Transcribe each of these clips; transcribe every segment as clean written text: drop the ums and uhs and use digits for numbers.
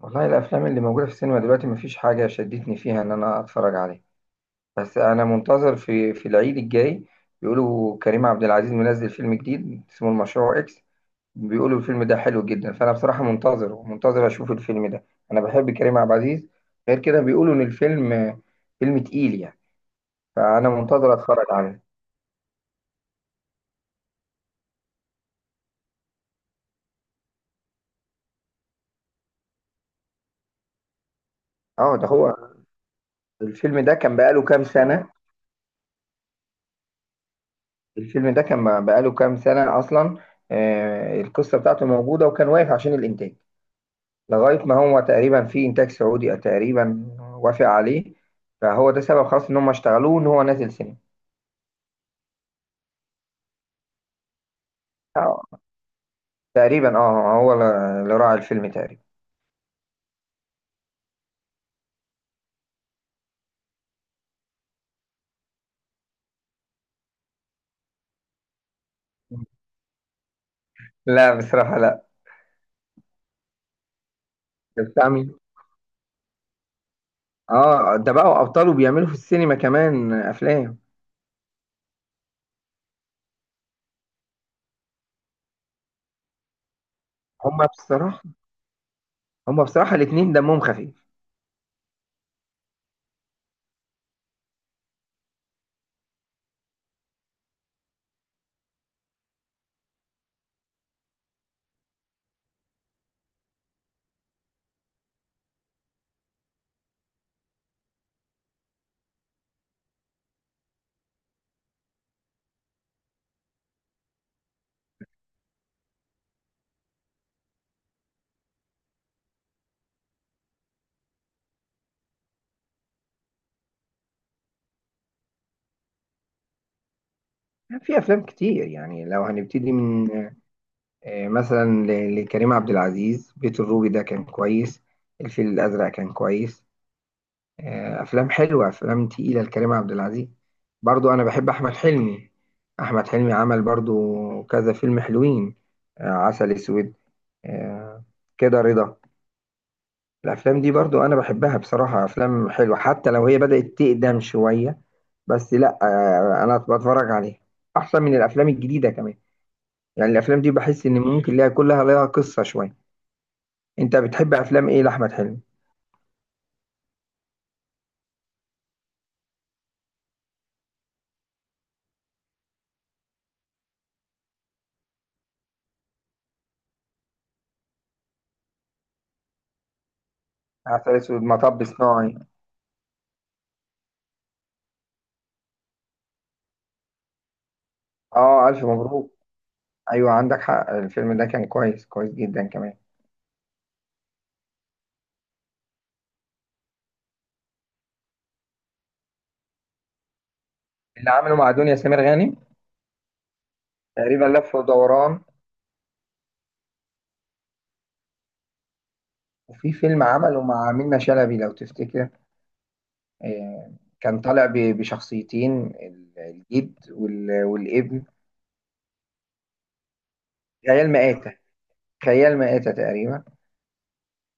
والله الافلام اللي موجوده في السينما دلوقتي مفيش حاجه شدتني فيها ان انا اتفرج عليها. بس انا منتظر في العيد الجاي. بيقولوا كريم عبد العزيز منزل فيلم جديد اسمه المشروع اكس. بيقولوا الفيلم ده حلو جدا، فانا بصراحه منتظر ومنتظر اشوف الفيلم ده. انا بحب كريم عبد العزيز. غير كده بيقولوا ان الفيلم فيلم تقيل يعني، فانا منتظر اتفرج عليه. اه ده هو. الفيلم ده كان بقاله كام سنه؟ الفيلم ده كان بقاله كام سنه اصلا؟ آه، القصه بتاعته موجوده وكان واقف عشان الانتاج، لغاية ما هو تقريبا في إنتاج سعودي تقريبا وافق عليه، فهو ده سبب خلاص إن هم اشتغلوه إن هو نازل سينما. آه، تقريبا اه هو اللي راعي الفيلم تقريبا. لا بصراحة لا. ده بتاع مين؟ اه ده بقوا أبطاله بيعملوا في السينما كمان أفلام. هما بصراحة، هما بصراحة الاتنين دمهم خفيف. يعني في أفلام كتير، يعني لو هنبتدي من مثلا لكريم عبد العزيز، بيت الروبي ده كان كويس. الفيل الأزرق كان كويس. افلام حلوه، افلام تقيله لكريم عبد العزيز. برضو انا بحب احمد حلمي. احمد حلمي عمل برضو كذا فيلم حلوين. عسل اسود، آه، كده رضا. الافلام دي برضو انا بحبها بصراحه، افلام حلوه حتى لو هي بدات تقدم شويه. بس لا، انا بتفرج عليها، احسن من الافلام الجديده كمان. يعني الافلام دي بحس ان ممكن ليها، كلها ليها قصه شويه. انت بتحب افلام ايه لاحمد حلمي؟ عسل اسود، مطب صناعي. اه الف مبروك. ايوه عندك حق، الفيلم ده كان كويس، كويس جدا كمان. اللي عمله مع دنيا سمير غانم، تقريبا لف ودوران. وفي فيلم عمله مع منة شلبي لو تفتكر، آه، كان طالع بشخصيتين، الجد والابن. خيال مآتة، خيال مآتة تقريبا.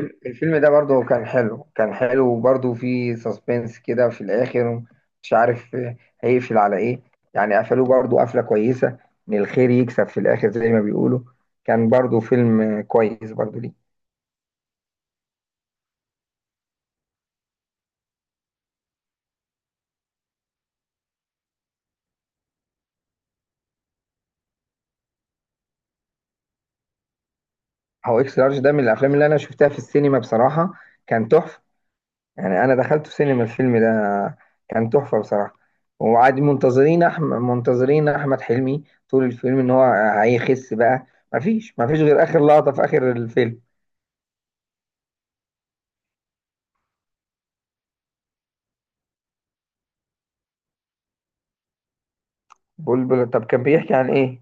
الفيلم ده برضه كان حلو، كان حلو وبرضه فيه سسبنس كده في الآخر، مش عارف هيقفل على إيه. يعني قفلوه برضه قفلة كويسة، إن الخير يكسب في الآخر زي ما بيقولوا. كان برضه فيلم كويس برضه ليه. هو إكس لارج ده من الأفلام اللي أنا شفتها في السينما بصراحة، كان تحفة. يعني أنا دخلت السينما الفيلم ده، كان تحفة بصراحة. وعاد منتظرين أحمد، منتظرين أحمد حلمي طول الفيلم إن هو هيخس بقى. مفيش غير آخر لقطة في آخر الفيلم. بلبل، طب كان بيحكي عن ايه؟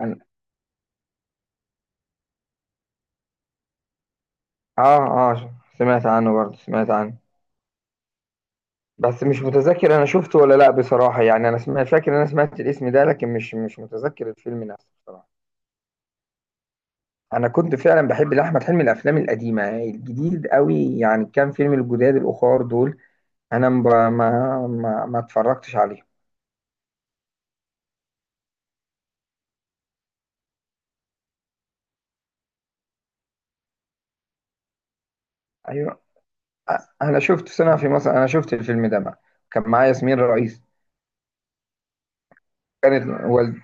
عن اه. اه سمعت عنه برضه، سمعت عنه. بس مش متذكر انا شفته ولا لا بصراحة، يعني انا سمعت، فاكر إن انا سمعت الاسم ده لكن مش، مش متذكر الفيلم نفسه بصراحة. انا كنت فعلا بحب لاحمد حلمي الافلام القديمة، الجديد قوي يعني كام فيلم الجداد الاخار دول انا مب- ما ما اتفرجتش عليهم. ايوه، انا شفت سنة في مصر، انا شفت الفيلم ده بقى، كان معايا ياسمين رئيس. كانت والد،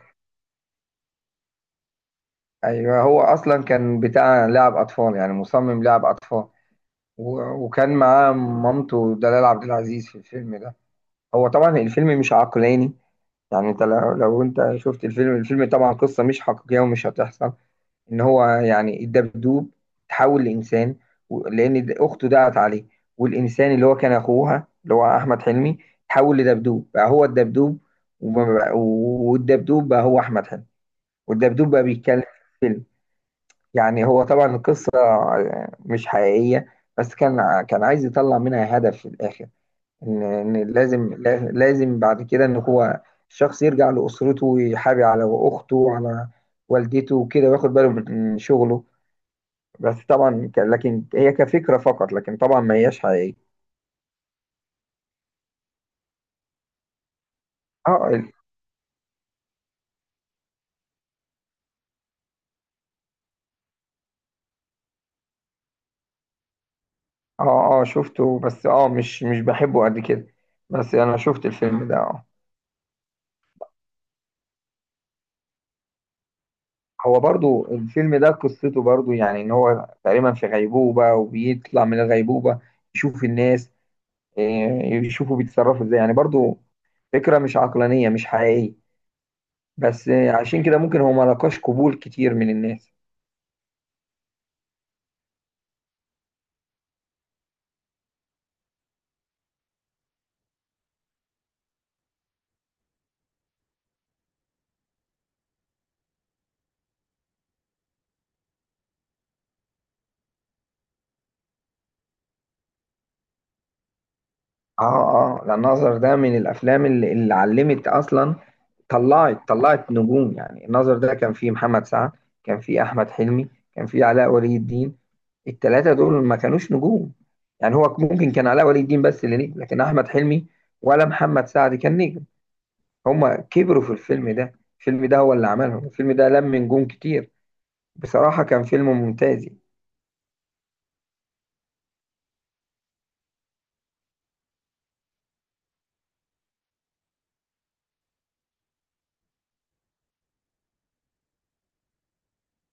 ايوه هو اصلا كان بتاع لعب اطفال، يعني مصمم لعب اطفال. وكان معاه مامته دلال عبد العزيز في الفيلم ده. هو طبعا الفيلم مش عقلاني. يعني انت لو انت شفت الفيلم، الفيلم طبعا قصة مش حقيقية ومش هتحصل. ان هو يعني الدبدوب تحول لإنسان، لأن أخته دعت عليه. والإنسان اللي هو كان أخوها اللي هو أحمد حلمي تحول لدبدوب، بقى هو الدبدوب. والدبدوب بقى هو أحمد حلمي، والدبدوب بقى بيتكلم في الفيلم. يعني هو طبعا القصة مش حقيقية، بس كان كان عايز يطلع منها هدف في الآخر، إن لازم لازم بعد كده إن هو الشخص يرجع لأسرته ويحابي على أخته وعلى والدته وكده وياخد باله من شغله. بس طبعا لكن هي كفكرة فقط، لكن طبعا ما هياش حقيقية. اه اه، شفته بس اه مش، مش بحبه قد كده، بس أنا شفت الفيلم ده. هو برضو الفيلم ده قصته برضو يعني ان هو تقريبا في غيبوبة وبيطلع من الغيبوبة يشوف الناس، إيه، يشوفوا بيتصرفوا ازاي يعني، برضو فكرة مش عقلانية مش حقيقية. بس إيه، عشان كده ممكن هو ملقاش قبول كتير من الناس. اه اه لا، الناظر ده من الافلام اللي علمت اصلا، طلعت نجوم يعني. الناظر ده كان فيه محمد سعد، كان فيه احمد حلمي، كان فيه علاء ولي الدين. التلاتة دول ما كانوش نجوم، يعني هو ممكن كان علاء ولي الدين بس اللي نجم، لكن احمد حلمي ولا محمد سعد كان نجم. هما كبروا في الفيلم ده، الفيلم ده هو اللي عملهم، الفيلم ده لم نجوم كتير. بصراحة كان فيلم ممتاز يعني.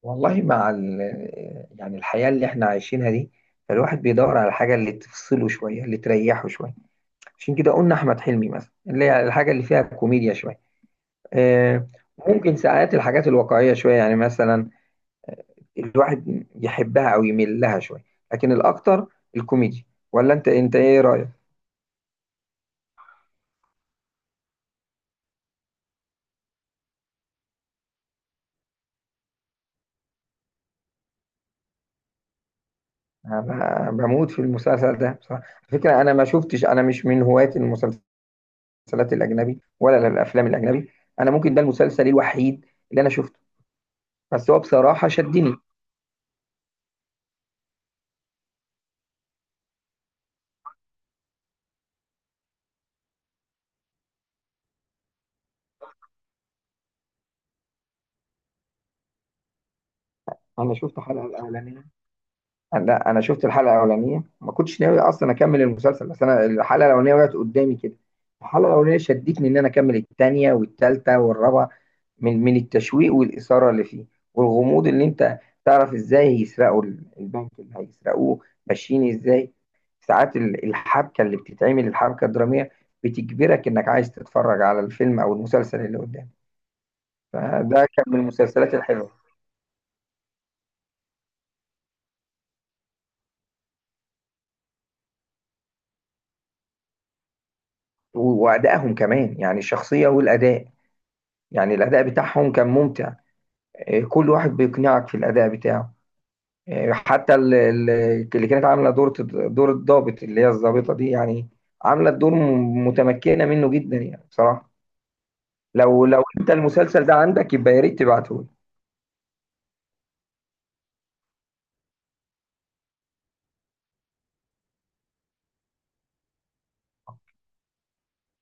والله مع يعني الحياة اللي احنا عايشينها دي، فالواحد بيدور على الحاجة اللي تفصله شوية، اللي تريحه شوية. عشان كده قلنا أحمد حلمي مثلا، اللي هي الحاجة اللي فيها كوميديا شوية. آه، ممكن ساعات الحاجات الواقعية شوية، يعني مثلا الواحد يحبها أو يميل لها شوية، لكن الأكتر الكوميدي. ولا أنت، أنت إيه رأيك؟ أنا بموت في المسلسل ده بصراحة على فكرة. أنا ما شفتش، أنا مش من هواة المسلسلات الأجنبي ولا الأفلام الأجنبي. أنا ممكن ده المسلسل الوحيد اللي أنا شفته، بس هو بصراحة شدني. أنا شفت الحلقة الأولانية، لا أنا شفت الحلقة الأولانية، ما كنتش ناوي أصلا أكمل المسلسل بس أنا الحلقة الأولانية وقعت قدامي كده. الحلقة الأولانية شدتني إن أنا أكمل التانية والتالتة والرابعة، من التشويق والإثارة اللي فيه، والغموض، اللي أنت تعرف إزاي هيسرقوا البنك، اللي هيسرقوه ماشيين إزاي. ساعات الحبكة اللي بتتعمل، الحبكة الدرامية بتجبرك إنك عايز تتفرج على الفيلم أو المسلسل اللي قدامك. فده كان من المسلسلات الحلوة. وأدائهم كمان، يعني الشخصية والأداء، يعني الأداء بتاعهم كان ممتع. إيه، كل واحد بيقنعك في الأداء بتاعه. إيه، حتى اللي كانت عاملة دور، دور الضابط اللي هي الضابطة دي، يعني عاملة الدور متمكنة منه جدا يعني بصراحة. لو أنت المسلسل ده عندك يبقى يا ريت تبعته.